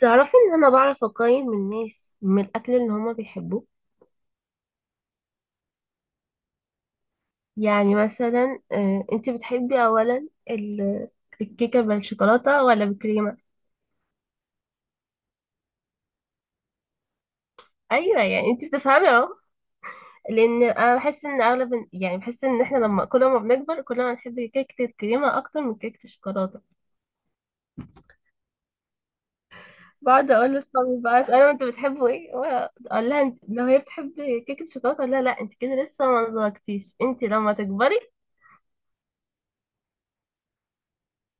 تعرفي ان انا بعرف اقيم الناس من الاكل اللي هما بيحبوه. يعني مثلا انت بتحبي اولا الكيكه بالشوكولاته ولا بالكريمه؟ ايوه، يعني انت بتفهمي اهو. لان انا بحس ان اغلب، يعني بحس ان احنا لما كل ما بنكبر كل ما نحب كيكه الكريمه اكتر من كيكه الشوكولاته. بقعد اقول لاصحابي بقى، انا انتوا بتحبوا ايه؟ اقول لها، لو هي بتحب كيكه الشوكولاته، لا لا، انت كده لسه ما نضجتيش، انت لما تكبري.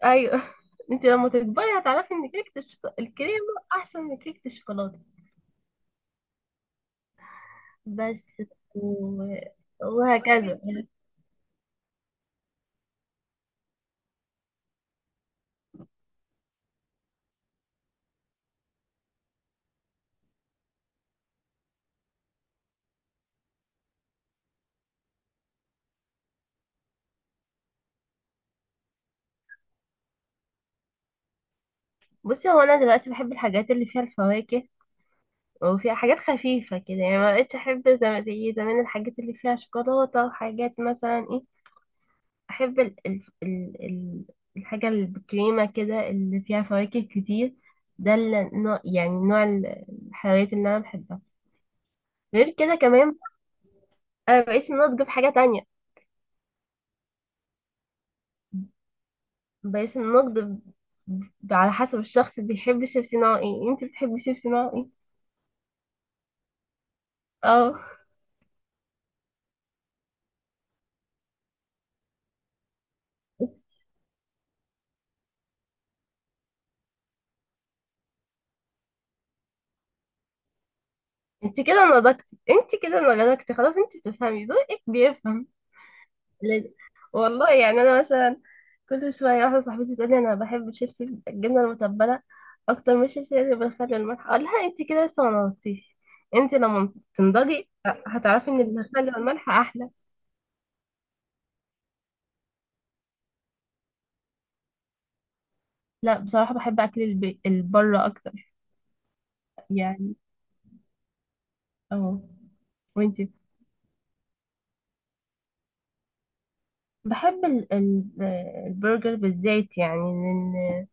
ايوه انت لما تكبري هتعرفي ان كيكه الكريمه احسن من كيكه الشوكولاته. بس و... وهكذا. بصي، هو انا دلوقتي بحب الحاجات اللي فيها الفواكه، وفيها حاجات خفيفه كده، يعني ما بقتش احب زي زمان الحاجات اللي فيها شوكولاته. وحاجات مثلا ايه، احب الحاجه اللي بالكريمه كده، اللي فيها فواكه كتير. ده النوع، يعني نوع الحلويات اللي انا بحبها. غير كده كمان، انا بقيت ان انا اطلب حاجه تانية. بس النقد على حسب الشخص، بيحب الشيبسي نوع ايه. انت بتحبي شيبسي نوع ايه؟ اه. انت كده نضجتي، انت كده نضجتي خلاص، انت بتفهمي، ذوقك بيفهم لازم. والله يعني انا مثلا، كل شويه واحده صاحبتي تقولي انا بحب الشيبسي الجبنه المتبله اكتر من الشيبسي اللي بالخل والملح، اقول لها انت كده لسه ما نضجتيش، انت لما تنضجي هتعرفي ان الخل والملح احلى. لا بصراحه بحب اكل البره اكتر. يعني اه. وانت؟ بحب ال البرجر بالزيت، يعني لان،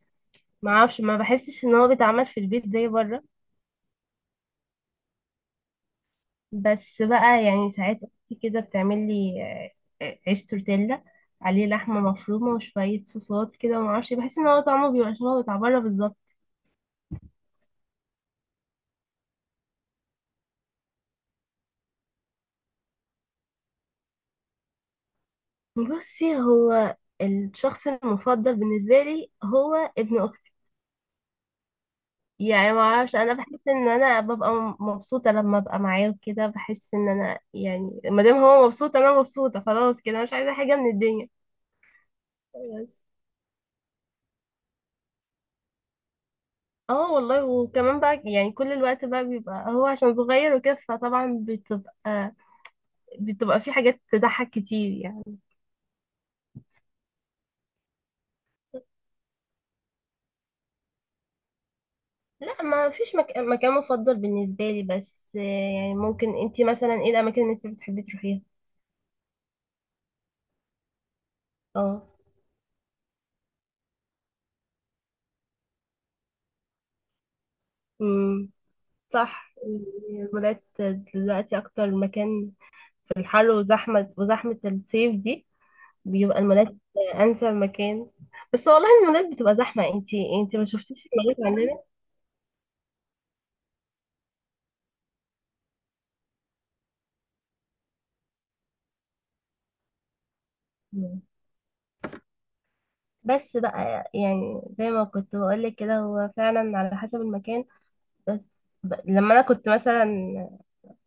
ما اعرفش، ما بحسش ان هو بيتعمل في البيت زي بره. بس بقى يعني ساعات اختي كده بتعمل لي عيش تورتيلا عليه لحمه مفرومه وشويه صوصات كده، وما اعرفش، بحس ان هو طعمه بيبقى شبه بتاع بره بالظبط. بصي، هو الشخص المفضل بالنسبه لي هو ابن اختي. يعني ما اعرفش، انا بحس ان انا ببقى مبسوطه لما ابقى معاه وكده. بحس ان انا يعني ما دام هو مبسوط انا مبسوطه، خلاص كده مش عايزه حاجه من الدنيا. بس اه والله. وكمان بقى يعني كل الوقت بقى بيبقى هو عشان صغير وكده، فطبعا بتبقى في حاجات تضحك كتير يعني. لا ما فيش مكان مفضل بالنسبه لي، بس يعني ممكن انتي مثلا، ايه الاماكن اللي انتي بتحبي تروحيها؟ اه. امم صح. الولاد دلوقتي اكتر مكان في الحر، وزحمة الصيف دي، بيبقى المولات أنسب مكان. بس والله المولات بتبقى زحمة. انتي ما شفتيش المولات عندنا. مم. بس بقى يعني زي ما كنت بقولك كده، هو فعلا على حسب المكان. بس لما أنا كنت مثلا،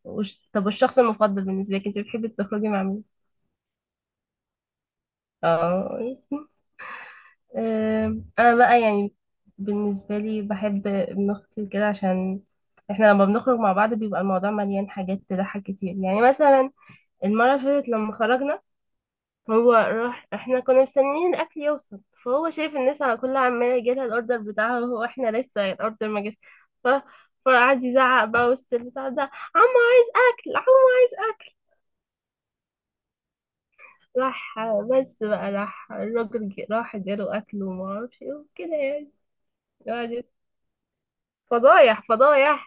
طب، والشخص المفضل بالنسبة لك انتي بتحبي تخرجي مع مين؟ اه. أنا بقى يعني بالنسبة لي بحب ابن أختي كده، عشان احنا لما بنخرج مع بعض بيبقى الموضوع مليان حاجات تضحك كتير. يعني مثلا المرة اللي فاتت لما خرجنا، هو راح، احنا كنا مستنيين الأكل يوصل، فهو شايف الناس على كلها عمالة يجيلها الأوردر بتاعها، وهو احنا لسه الأوردر ما جاش، ف... فقعد يزعق بقى وسط البتاع ده، عمو عايز أكل، عمو عايز أكل. راح، بس بقى راح الراجل، راح اداله أكل وما أعرفش ايه وكده يعني. قعد- فضايح فضايح.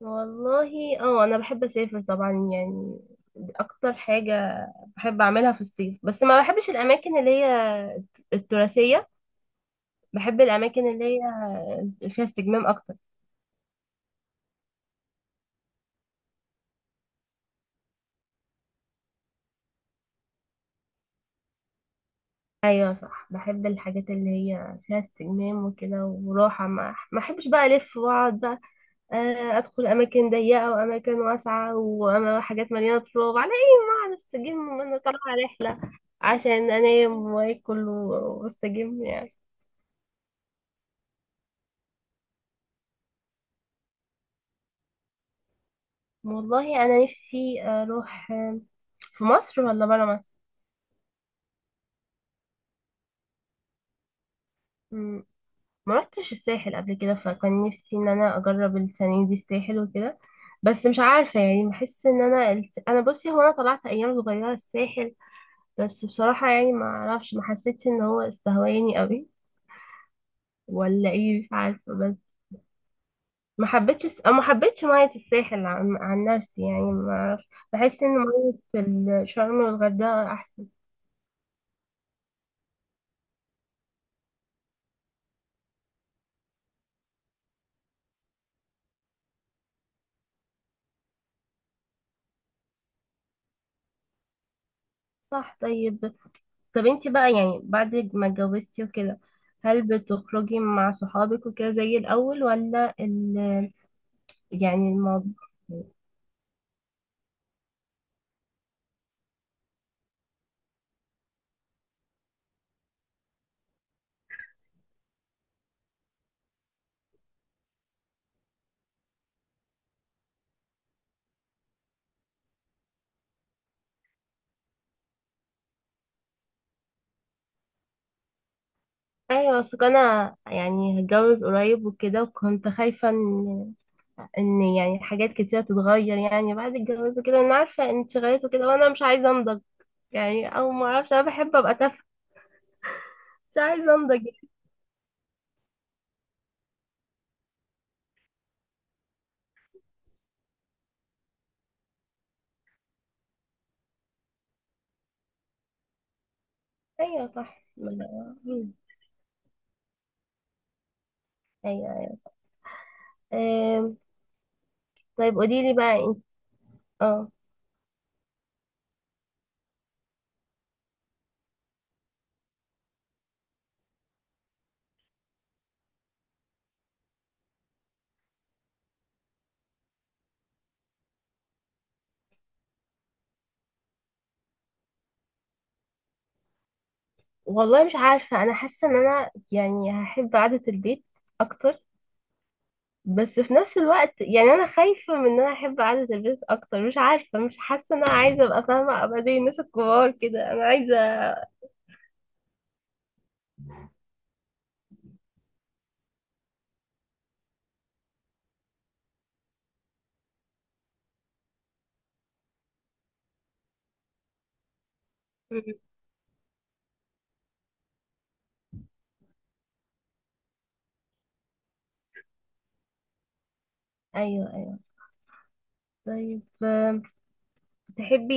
والله اه، أنا بحب أسافر طبعا يعني. دي أكتر حاجة بحب أعملها في الصيف، بس ما بحبش الأماكن اللي هي التراثية. بحب الأماكن اللي هي فيها استجمام أكتر. أيوة صح، بحب الحاجات اللي هي فيها استجمام وكده وراحة. ما أحبش بقى ألف وأقعد بقى، أدخل أماكن ضيقة وأماكن واسعة وحاجات مليانة تراب على إيه. ما أقعد أستجم وأنا طالعة رحلة، عشان أنام وآكل وأستجم يعني. والله أنا نفسي أروح، في مصر ولا برا مصر؟ ما رحتش الساحل قبل كده، فكان نفسي ان انا اجرب السنه دي الساحل وكده، بس مش عارفه يعني. بحس ان انا انا، بصي هو انا طلعت ايام صغيره الساحل، بس بصراحه يعني، ما اعرفش، ما حسيتش ان هو استهواني قوي ولا ايه، مش عارفه. بس ما حبيتش أو ما حبيتش ميه الساحل، عن نفسي يعني. ما اعرفش، بحس ان ميه الشرم والغردقه احسن. صح. طيب، طب انت بقى يعني بعد ما اتجوزتي وكده، هل بتخرجي مع صحابك وكده زي الأول ولا يعني الموضوع؟ ايوه، اصل انا يعني هتجوز قريب وكده، وكنت خايفه ان يعني حاجات كتيره تتغير يعني بعد الجواز وكده. انا عارفه انشغالات وكده، وانا مش عايزه انضج يعني، او ما اعرفش، انا بحب ابقى تافهه، مش عايزه انضج يعني. ايوه صح. ما- ايوه أيوة. أم، طيب قولي لي بقى انت. اه والله مش عارفة، أنا حاسة إن أنا يعني هحب قعدة البيت أكتر، بس في نفس الوقت يعني أنا خايفة من إن أنا أحب قعدة البيت أكتر. مش عارفة، مش حاسة إن أنا عايزة أبقى فاهمة، أبقى زي الناس الكبار كده، أنا عايزة مم. أيوه أيوه. طيب تحبي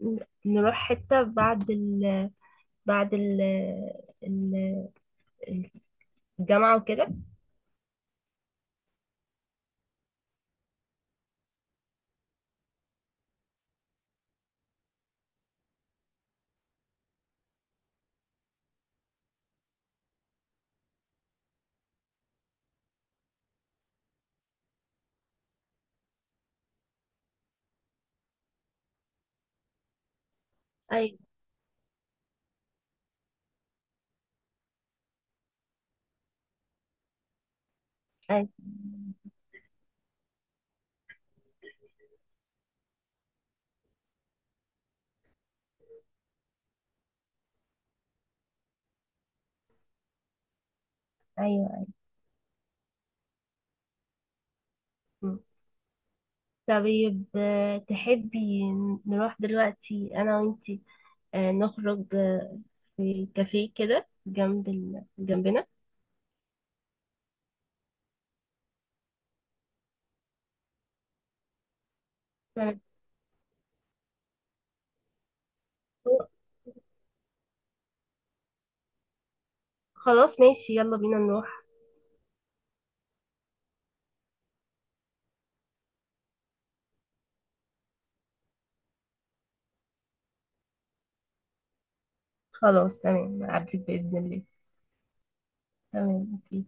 ن- نروح حتة بعد ال، بعد ال، ال- الجامعة وكده؟ أيوه أيوه أيوه. مم. طيب تحبي نروح دلوقتي أنا وإنتي، نخرج، في كافيه كده جنب جنبنا؟ تمام. خلاص ماشي، يلا بينا نروح. خلاص تمام، عدت بإذن الله. تمام أوكي.